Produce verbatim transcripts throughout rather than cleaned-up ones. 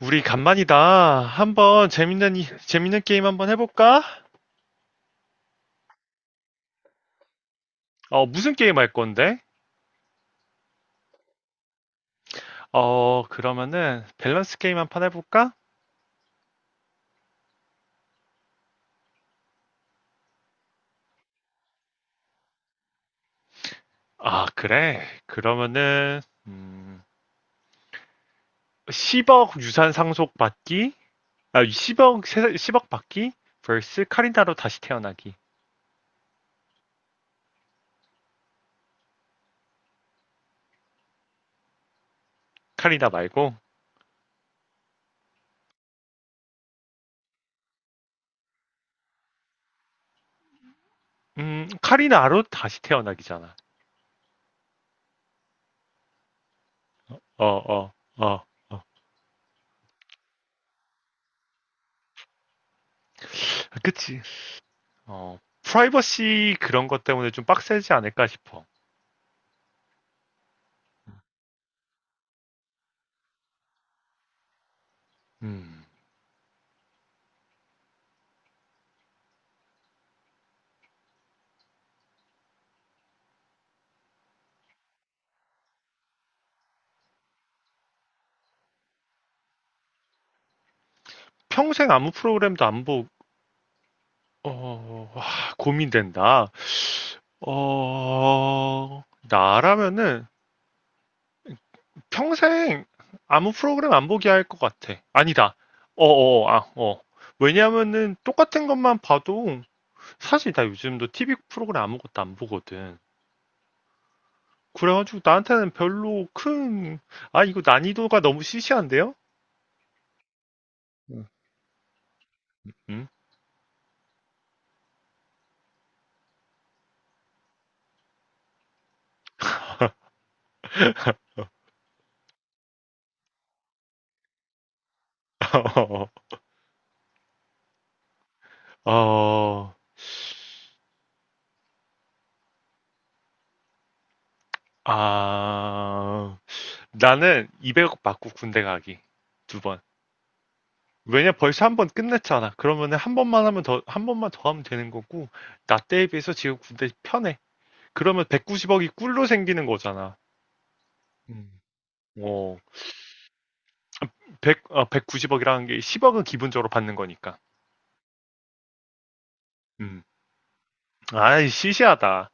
우리 간만이다. 한번 재밌는, 이- 재밌는 게임 한번 해볼까? 어, 무슨 게임 할 건데? 어, 그러면은, 밸런스 게임 한 판 해볼까? 아, 그래. 그러면은, 음, 십억 유산 상속 받기? 아, 십억, 세- 십억 받기? vs 카리나로 다시 태어나기. 카리나 말고, 음, 카리나로 다시 태어나기잖아. 어, 어, 어, 어. 그치. 어, 프라이버시 그런 것 때문에 좀 빡세지 않을까 싶어. 음. 평생 아무 프로그램도 안 보고, 어, 와, 고민된다. 어, 나라면은 평생 아무 프로그램 안 보게 할 것 같아. 아니다. 어, 어, 어, 아, 어. 왜냐면은 똑같은 것만 봐도 사실 나 요즘도 티비 프로그램 아무것도 안 보거든. 그래가지고 나한테는 별로 큰, 아, 이거 난이도가 너무 시시한데요? 음? 어, 아, 나는 이백억 받고 군대 가기. 두 번. 왜냐 벌써 한 번 끝냈잖아. 그러면은 한 번만 하면 더, 한 번만 더 하면 되는 거고, 나 때에 비해서 지금 군대 편해. 그러면 백구십억이 꿀로 생기는 거잖아. 음. 어, 백, 아, 백구십억이라는 게 십억은 기본적으로 받는 거니까. 음. 아이, 시시하다.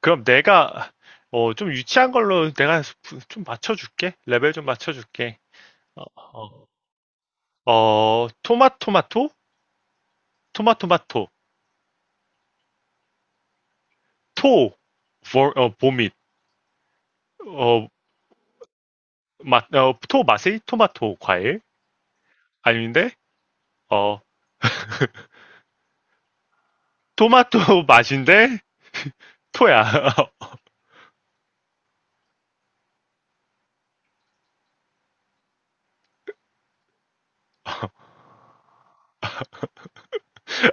그럼 내가, 어, 좀 유치한 걸로 내가 부- 좀 맞춰줄게. 레벨 좀 맞춰줄게. 어, 어. 어, 토마토마토? 토마토마토. 토, 보, 어, 보밋. 어, 마, 어, 토 맛이 토마토 과일 아닌데 어 토마토 맛인데 토야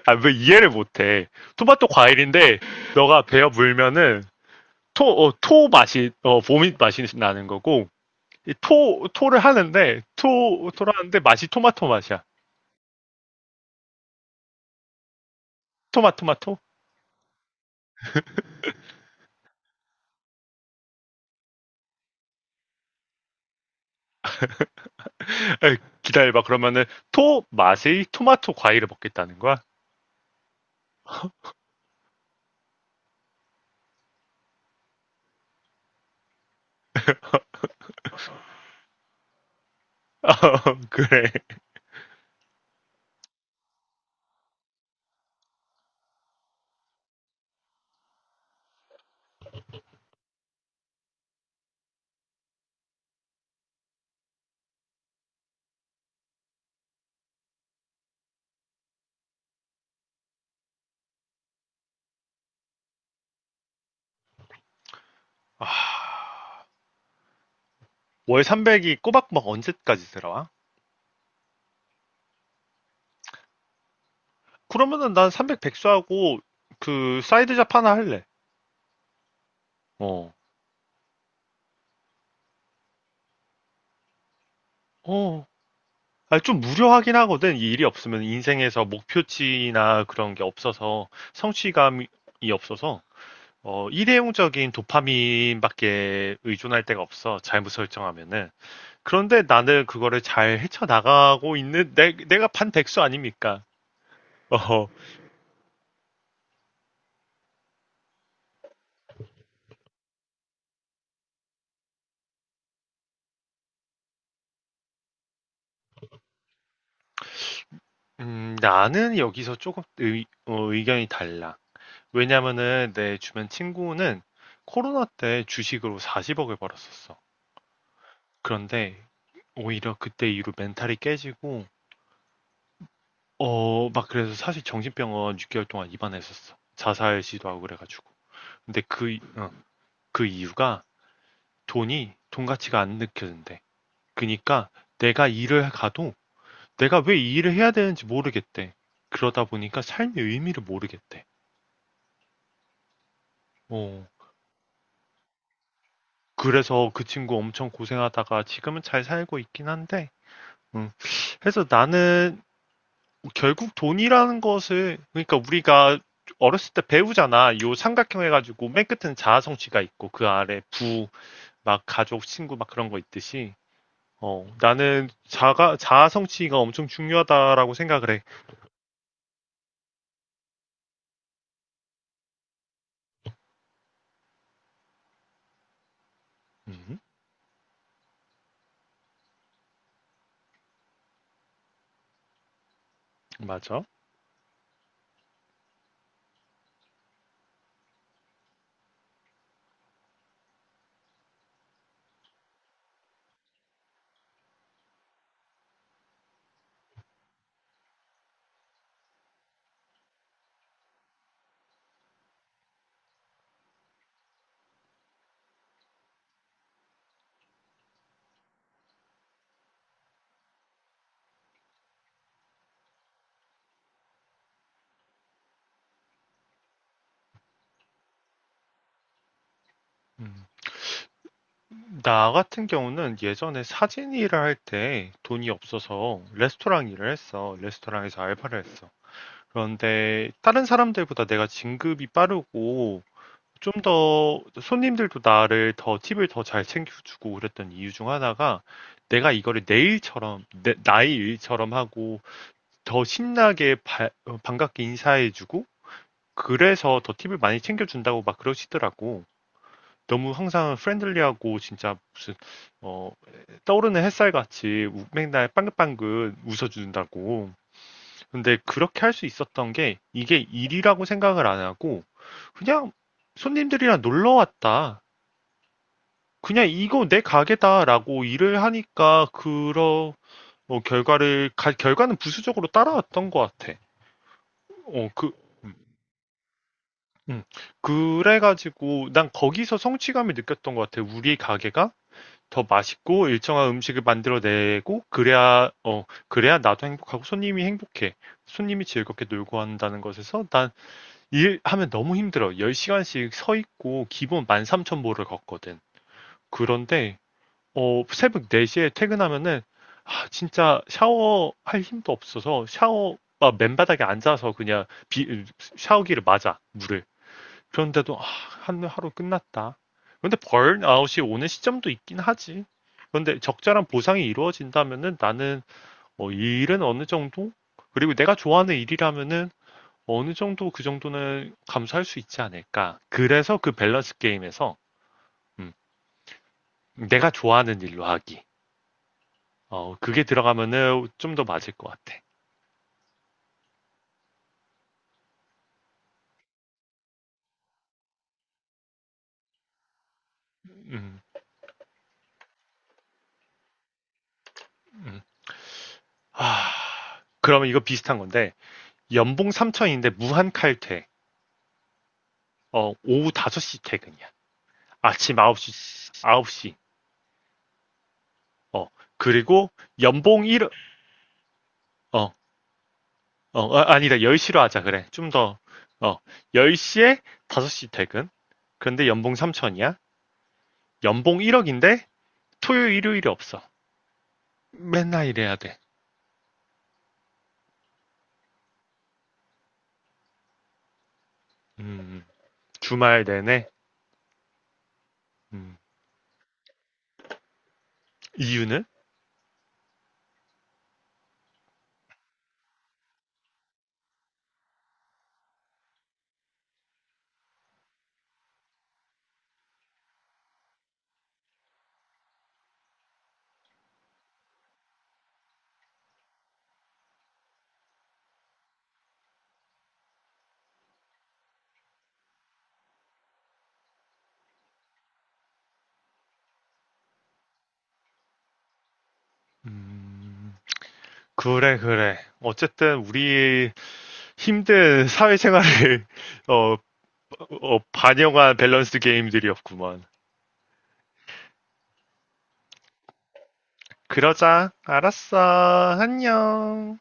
아 왜 이해를 못해 토마토 과일인데 너가 베어 물면은 토 어 토 맛이 어 보밋 맛이 나는 거고 이 토 토를 하는데 토 토를 하는데 맛이 토마토 맛이야 토마토마토 에, 기다려봐 그러면은 토 맛의 토마토 과일을 먹겠다는 거야 그래 월 삼백이 꼬박꼬박 언제까지 들어와? 그러면은 난 삼백 백수하고 그 사이드 잡 하나 할래. 어. 어. 아, 좀 무료하긴 하거든. 이 일이 없으면 인생에서 목표치나 그런 게 없어서 성취감이 없어서 어, 일회용적인 도파민밖에 의존할 데가 없어. 잘못 설정하면은. 그런데 나는 그거를 잘 헤쳐나가고 있는 내, 내가 반 백수 아닙니까? 어, 음, 나는 여기서 조금 의, 어, 의견이 달라. 왜냐면은 내 주변 친구는 코로나 때 주식으로 사십억을 벌었었어. 그런데 오히려 그때 이후로 멘탈이 깨지고 어, 막 그래서 사실 정신병원 육 개월 동안 입원했었어. 자살 시도하고 그래가지고. 근데 그, 이- 어, 그 이유가 돈이 돈 가치가 안 느껴진대. 그니까 내가 일을 가도 내가 왜 이 일을 해야 되는지 모르겠대. 그러다 보니까 삶의 의미를 모르겠대. 어, 그래서 그 친구 엄청 고생하다가 지금은 잘 살고 있긴 한데. 음. 그래서 나는 결국 돈이라는 것을, 그러니까 우리가 어렸을 때 배우잖아. 요 삼각형 해가지고 맨 끝에는 자아성취가 있고 그 아래 부, 막 가족, 친구, 막 그런 거 있듯이. 어, 나는 자가, 자아성취가 엄청 중요하다라고 생각을 해. 음, 맞아. 음. 나 같은 경우는 예전에 사진 일을 할 때 돈이 없어서 레스토랑 일을 했어. 레스토랑에서 알바를 했어. 그런데 다른 사람들보다 내가 진급이 빠르고 좀 더 손님들도 나를 더 팁을 더 잘 챙겨주고 그랬던 이유 중 하나가 내가 이거를 내 일처럼, 내, 나의 일처럼 하고 더 신나게 바- 어, 반갑게 인사해주고 그래서 더 팁을 많이 챙겨준다고 막 그러시더라고. 너무 항상 프렌들리하고 진짜 무슨 어, 떠오르는 햇살같이 우- 맨날 빵긋빵긋 웃어준다고. 근데 그렇게 할 수 있었던 게 이게 일이라고 생각을 안 하고 그냥 손님들이랑 놀러 왔다. 그냥 이거 내 가게다라고 일을 하니까 그런 어, 결과를 가- 결과는 부수적으로 따라왔던 것 같아. 어, 그, 음. 그래가지고 난 거기서 성취감을 느꼈던 것 같아. 우리 가게가 더 맛있고 일정한 음식을 만들어내고 그래야 어, 그래야 나도 행복하고 손님이 행복해. 손님이 즐겁게 놀고 한다는 것에서 난 일하면 너무 힘들어. 열 시간씩 서 있고 기본 만 삼천 보를 걷거든. 그런데 어, 새벽 네 시에 퇴근하면은, 아, 진짜 샤워할 힘도 없어서 샤워, 아, 맨바닥에 앉아서 그냥 비- 샤워기를 맞아, 물을. 그런데도, 아, 한 하루 끝났다. 근데 번아웃이 오는 시점도 있긴 하지. 그런데 적절한 보상이 이루어진다면은 나는, 어, 이 일은 어느 정도? 그리고 내가 좋아하는 일이라면은 어느 정도 그 정도는 감수할 수 있지 않을까. 그래서 그 밸런스 게임에서, 음, 내가 좋아하는 일로 하기. 어, 그게 들어가면은 좀 더 맞을 것 같아. 음, 음. 하, 그러면 이거 비슷한 건데, 연봉 삼천인데 무한 칼퇴. 어, 오후 다섯 시 퇴근이야. 아침 아홉 시, 아홉 시. 어, 그리고 연봉 일, 어, 어, 아, 아니다. 열 시로 하자. 그래. 좀 더, 어, 열 시에 다섯 시 퇴근. 근데 연봉 삼천이야. 연봉 일억인데 토요일, 일요일이 없어. 맨날 일해야 돼. 음, 주말 내내. 음, 이유는? 음, 그래, 그래. 어쨌든 우리 힘든 사회생활을 어, 어, 반영한 밸런스 게임들이었구먼. 그러자. 알았어. 안녕.